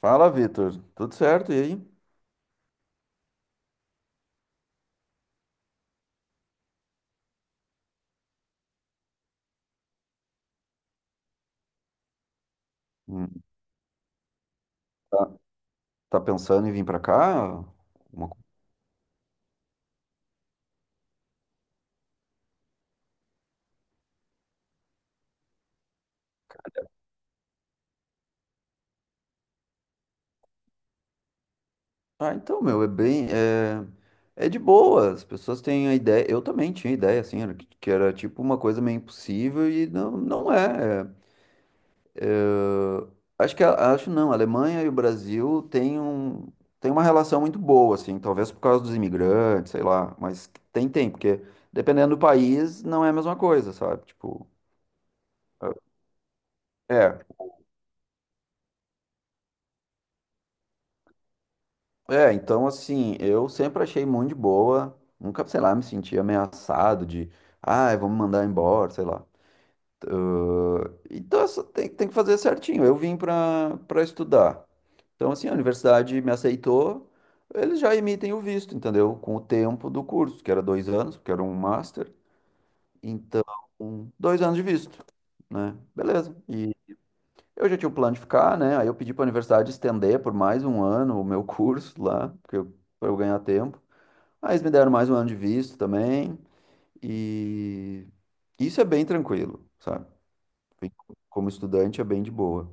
Fala, Vitor. Tudo certo? E aí? Hum, Tá, tá pensando em vir pra cá? Uma co- Ah, então, meu, é bem. É, é de boa. As pessoas têm a ideia. Eu também tinha ideia, assim, era que era tipo uma coisa meio impossível e não, não é. Acho que acho não. A Alemanha e o Brasil têm uma relação muito boa, assim, talvez por causa dos imigrantes, sei lá, mas porque dependendo do país, não é a mesma coisa, sabe? Tipo, é. É. É, então assim, eu sempre achei muito de boa, nunca, sei lá, me senti ameaçado de, ah, vamos mandar embora, sei lá. Então essa tem, que fazer certinho. Eu vim para estudar. Então assim, a universidade me aceitou, eles já emitem o visto, entendeu? Com o tempo do curso, que era 2 anos, porque era um master, então 2 anos de visto, né? Beleza. E eu já tinha o plano de ficar, né? Aí eu pedi para a universidade estender por mais um ano o meu curso lá, porque eu, para eu ganhar tempo. Aí eles me deram mais um ano de visto também, e isso é bem tranquilo, sabe? Bem- Como estudante é bem de boa.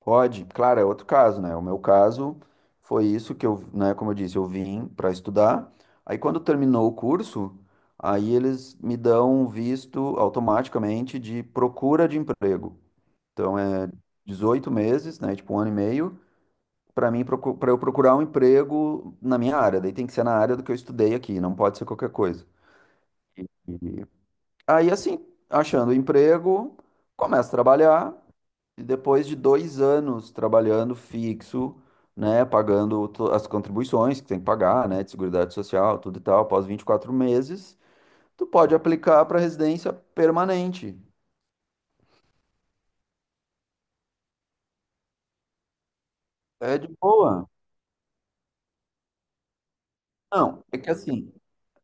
Pode, claro, é outro caso, né? O meu caso foi isso que eu, né, como eu disse, eu vim para estudar. Aí quando terminou o curso, aí eles me dão um visto automaticamente de procura de emprego. Então é 18 meses, né, tipo um ano e meio, para eu procurar um emprego na minha área. Daí tem que ser na área do que eu estudei aqui, não pode ser qualquer coisa. E aí, assim, achando emprego, começo a trabalhar, e depois de 2 anos trabalhando fixo, né, pagando as contribuições que tem que pagar, né, de seguridade social, tudo e tal, após 24 meses, tu pode aplicar para residência permanente. É de boa. Não, é que assim,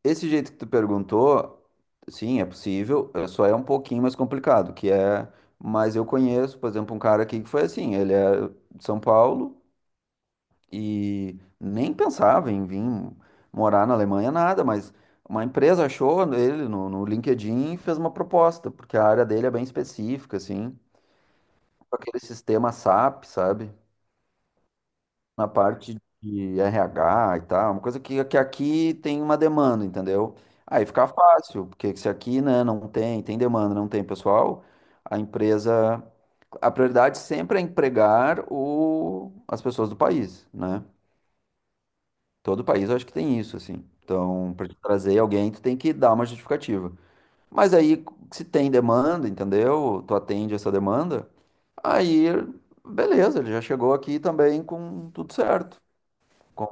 esse jeito que tu perguntou, sim, é possível, só é um pouquinho mais complicado, que é, mas eu conheço, por exemplo, um cara aqui que foi assim, ele é de São Paulo, e nem pensava em vir morar na Alemanha, nada, mas uma empresa achou ele no LinkedIn e fez uma proposta, porque a área dele é bem específica, assim, com aquele sistema SAP, sabe? Na parte de RH e tal, uma coisa que aqui tem uma demanda, entendeu? Aí fica fácil, porque se aqui, né, não tem, tem demanda, não tem pessoal, a empresa. A prioridade sempre é empregar as pessoas do país, né? Todo país eu acho que tem isso, assim. Então, para trazer alguém, tu tem que dar uma justificativa. Mas aí, se tem demanda, entendeu? Tu atende essa demanda, aí, beleza, ele já chegou aqui também com tudo certo. Com-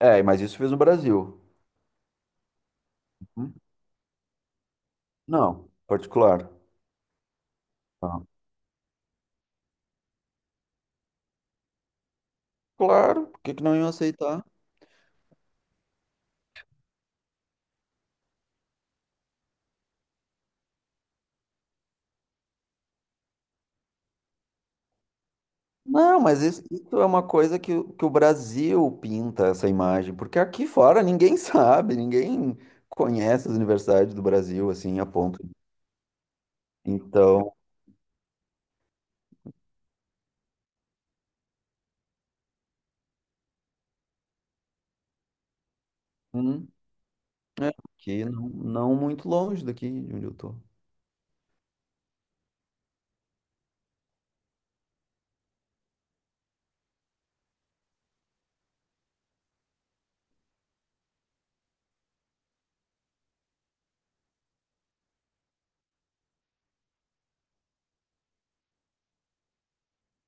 É, mas isso fez no Brasil. Hum? Não, particular. Tá. Claro, por que que não iam aceitar? Não, mas isso é uma coisa que, que o Brasil pinta essa imagem, porque aqui fora ninguém sabe, ninguém conhece as universidades do Brasil, assim, a ponto. Então, hum, É, aqui não, não muito longe daqui de onde eu tô.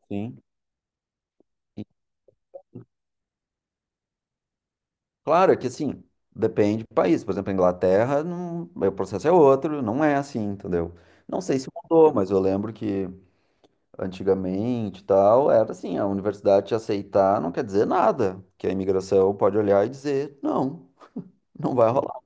Sim. E, claro, é que assim, depende do país. Por exemplo, a Inglaterra, não, o processo é outro, não é assim, entendeu? Não sei se mudou, mas eu lembro que antigamente e tal, era assim, a universidade te aceitar não quer dizer nada, que a imigração pode olhar e dizer, não, não vai rolar.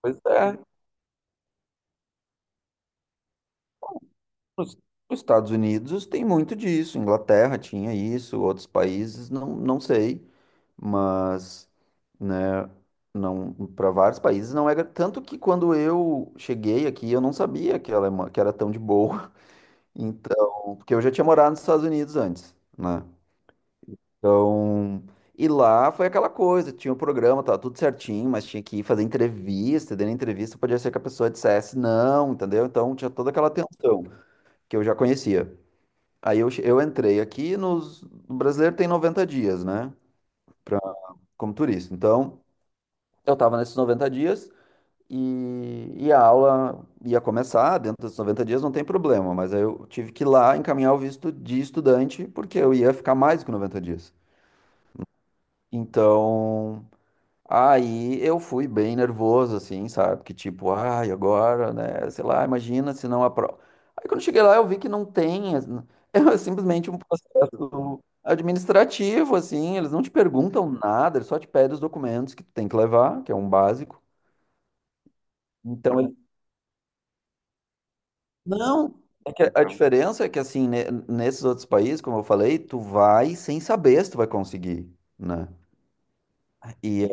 Pois é, Os os Estados Unidos tem muito disso, Inglaterra tinha isso, outros países, não, não sei, mas, né, não, para vários países não era, tanto que quando eu cheguei aqui, eu não sabia que a Alemanha, que era tão de boa, então, porque eu já tinha morado nos Estados Unidos antes, né, então, e lá foi aquela coisa, tinha o programa, tava tudo certinho, mas tinha que ir fazer entrevista, e dentro da entrevista podia ser que a pessoa dissesse não, entendeu, então tinha toda aquela tensão que eu já conhecia. Eu entrei aqui nos, o brasileiro tem 90 dias, né? Pra, como turista. Então, eu estava nesses 90 dias e a aula ia começar dentro desses 90 dias, não tem problema. Mas aí eu tive que ir lá encaminhar o visto de estudante, porque eu ia ficar mais que 90 dias. Então, aí eu fui bem nervoso, assim, sabe? Porque tipo, ai, agora, né? Sei lá, imagina se não aprova. Aí quando cheguei lá, eu vi que não tem. É simplesmente um processo administrativo, assim. Eles não te perguntam nada, eles só te pedem os documentos que tu tem que levar, que é um básico. Então, ele... não. É que a diferença é que, assim, nesses outros países, como eu falei, tu vai sem saber se tu vai conseguir, né? E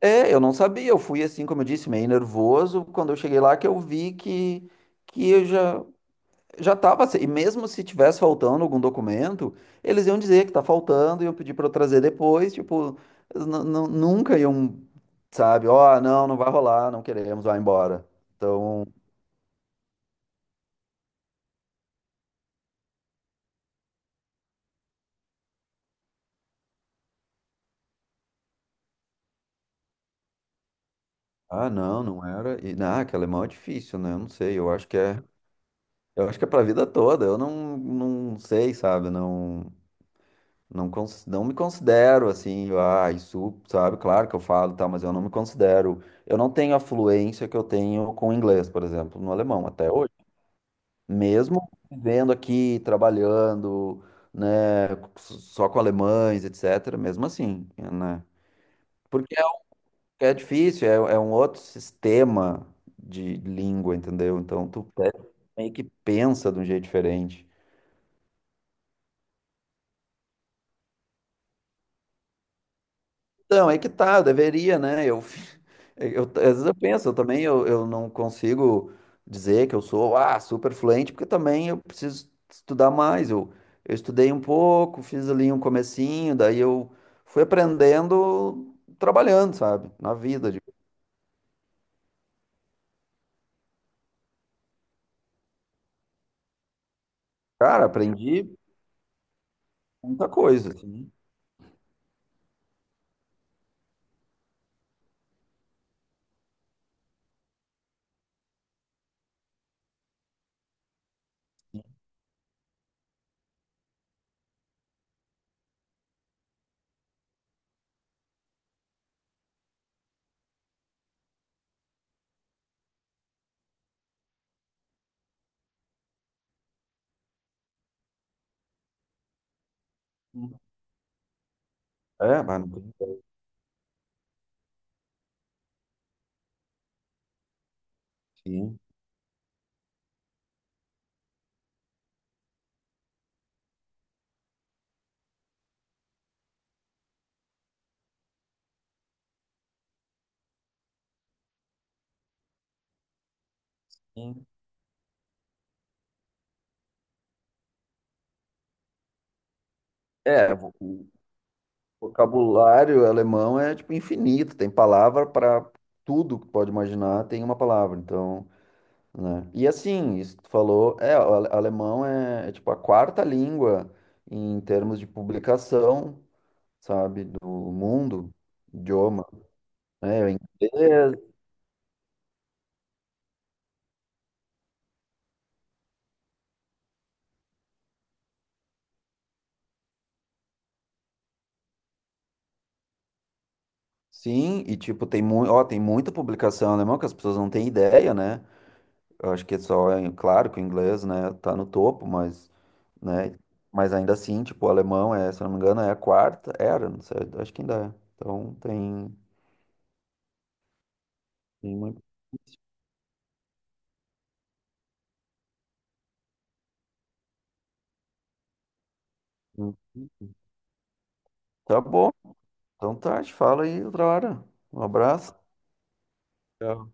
é, eu não sabia, eu fui assim, como eu disse, meio nervoso quando eu cheguei lá que eu vi que eu já já estava, e mesmo se tivesse faltando algum documento, eles iam dizer que tá faltando, iam pedir para eu trazer depois, tipo, eles nunca iam, sabe, ó, não, não vai rolar, não queremos, vai embora. Então, ah, não, não era, e não, que alemão é difícil, né? Eu não sei, eu acho que é para vida toda, eu não, não sei, sabe, não. Não, não me considero assim, ah, isso, sabe? Claro que eu falo, tá, mas eu não me considero. Eu não tenho a fluência que eu tenho com o inglês, por exemplo, no alemão, até hoje. Mesmo vivendo aqui, trabalhando, né, só com alemães, etc., mesmo assim, né? Porque é, é difícil, é, é um outro sistema de língua, entendeu? Então, tu meio que pensa de um jeito diferente. Então, é que tá, deveria, né? Eu, eu, às vezes eu penso, eu não consigo dizer que eu sou ah, super fluente, porque também eu preciso estudar mais. Eu estudei um pouco, fiz ali um comecinho, daí eu fui aprendendo trabalhando, sabe? Na vida. Cara, aprendi muita coisa, assim. É, mas não tem ideia, sim. Sim. É, o vocabulário alemão é tipo infinito, tem palavra para tudo que tu pode imaginar, tem uma palavra. Então, né? E assim, isso que tu falou, é, o alemão é, é, tipo a quarta língua em termos de publicação, sabe, do mundo, idioma, né? É o inglês, sim, e tipo tem muito, ó, tem muita publicação alemã que as pessoas não têm ideia, né? Eu acho que é só, é claro que o inglês, né, tá no topo, mas, né, mas ainda assim, tipo, o alemão é, se eu não me engano, é a quarta, era, não sei, acho que ainda é. Tem muito- Tá bom. Então tá, a gente fala aí outra hora. Um abraço. Tchau.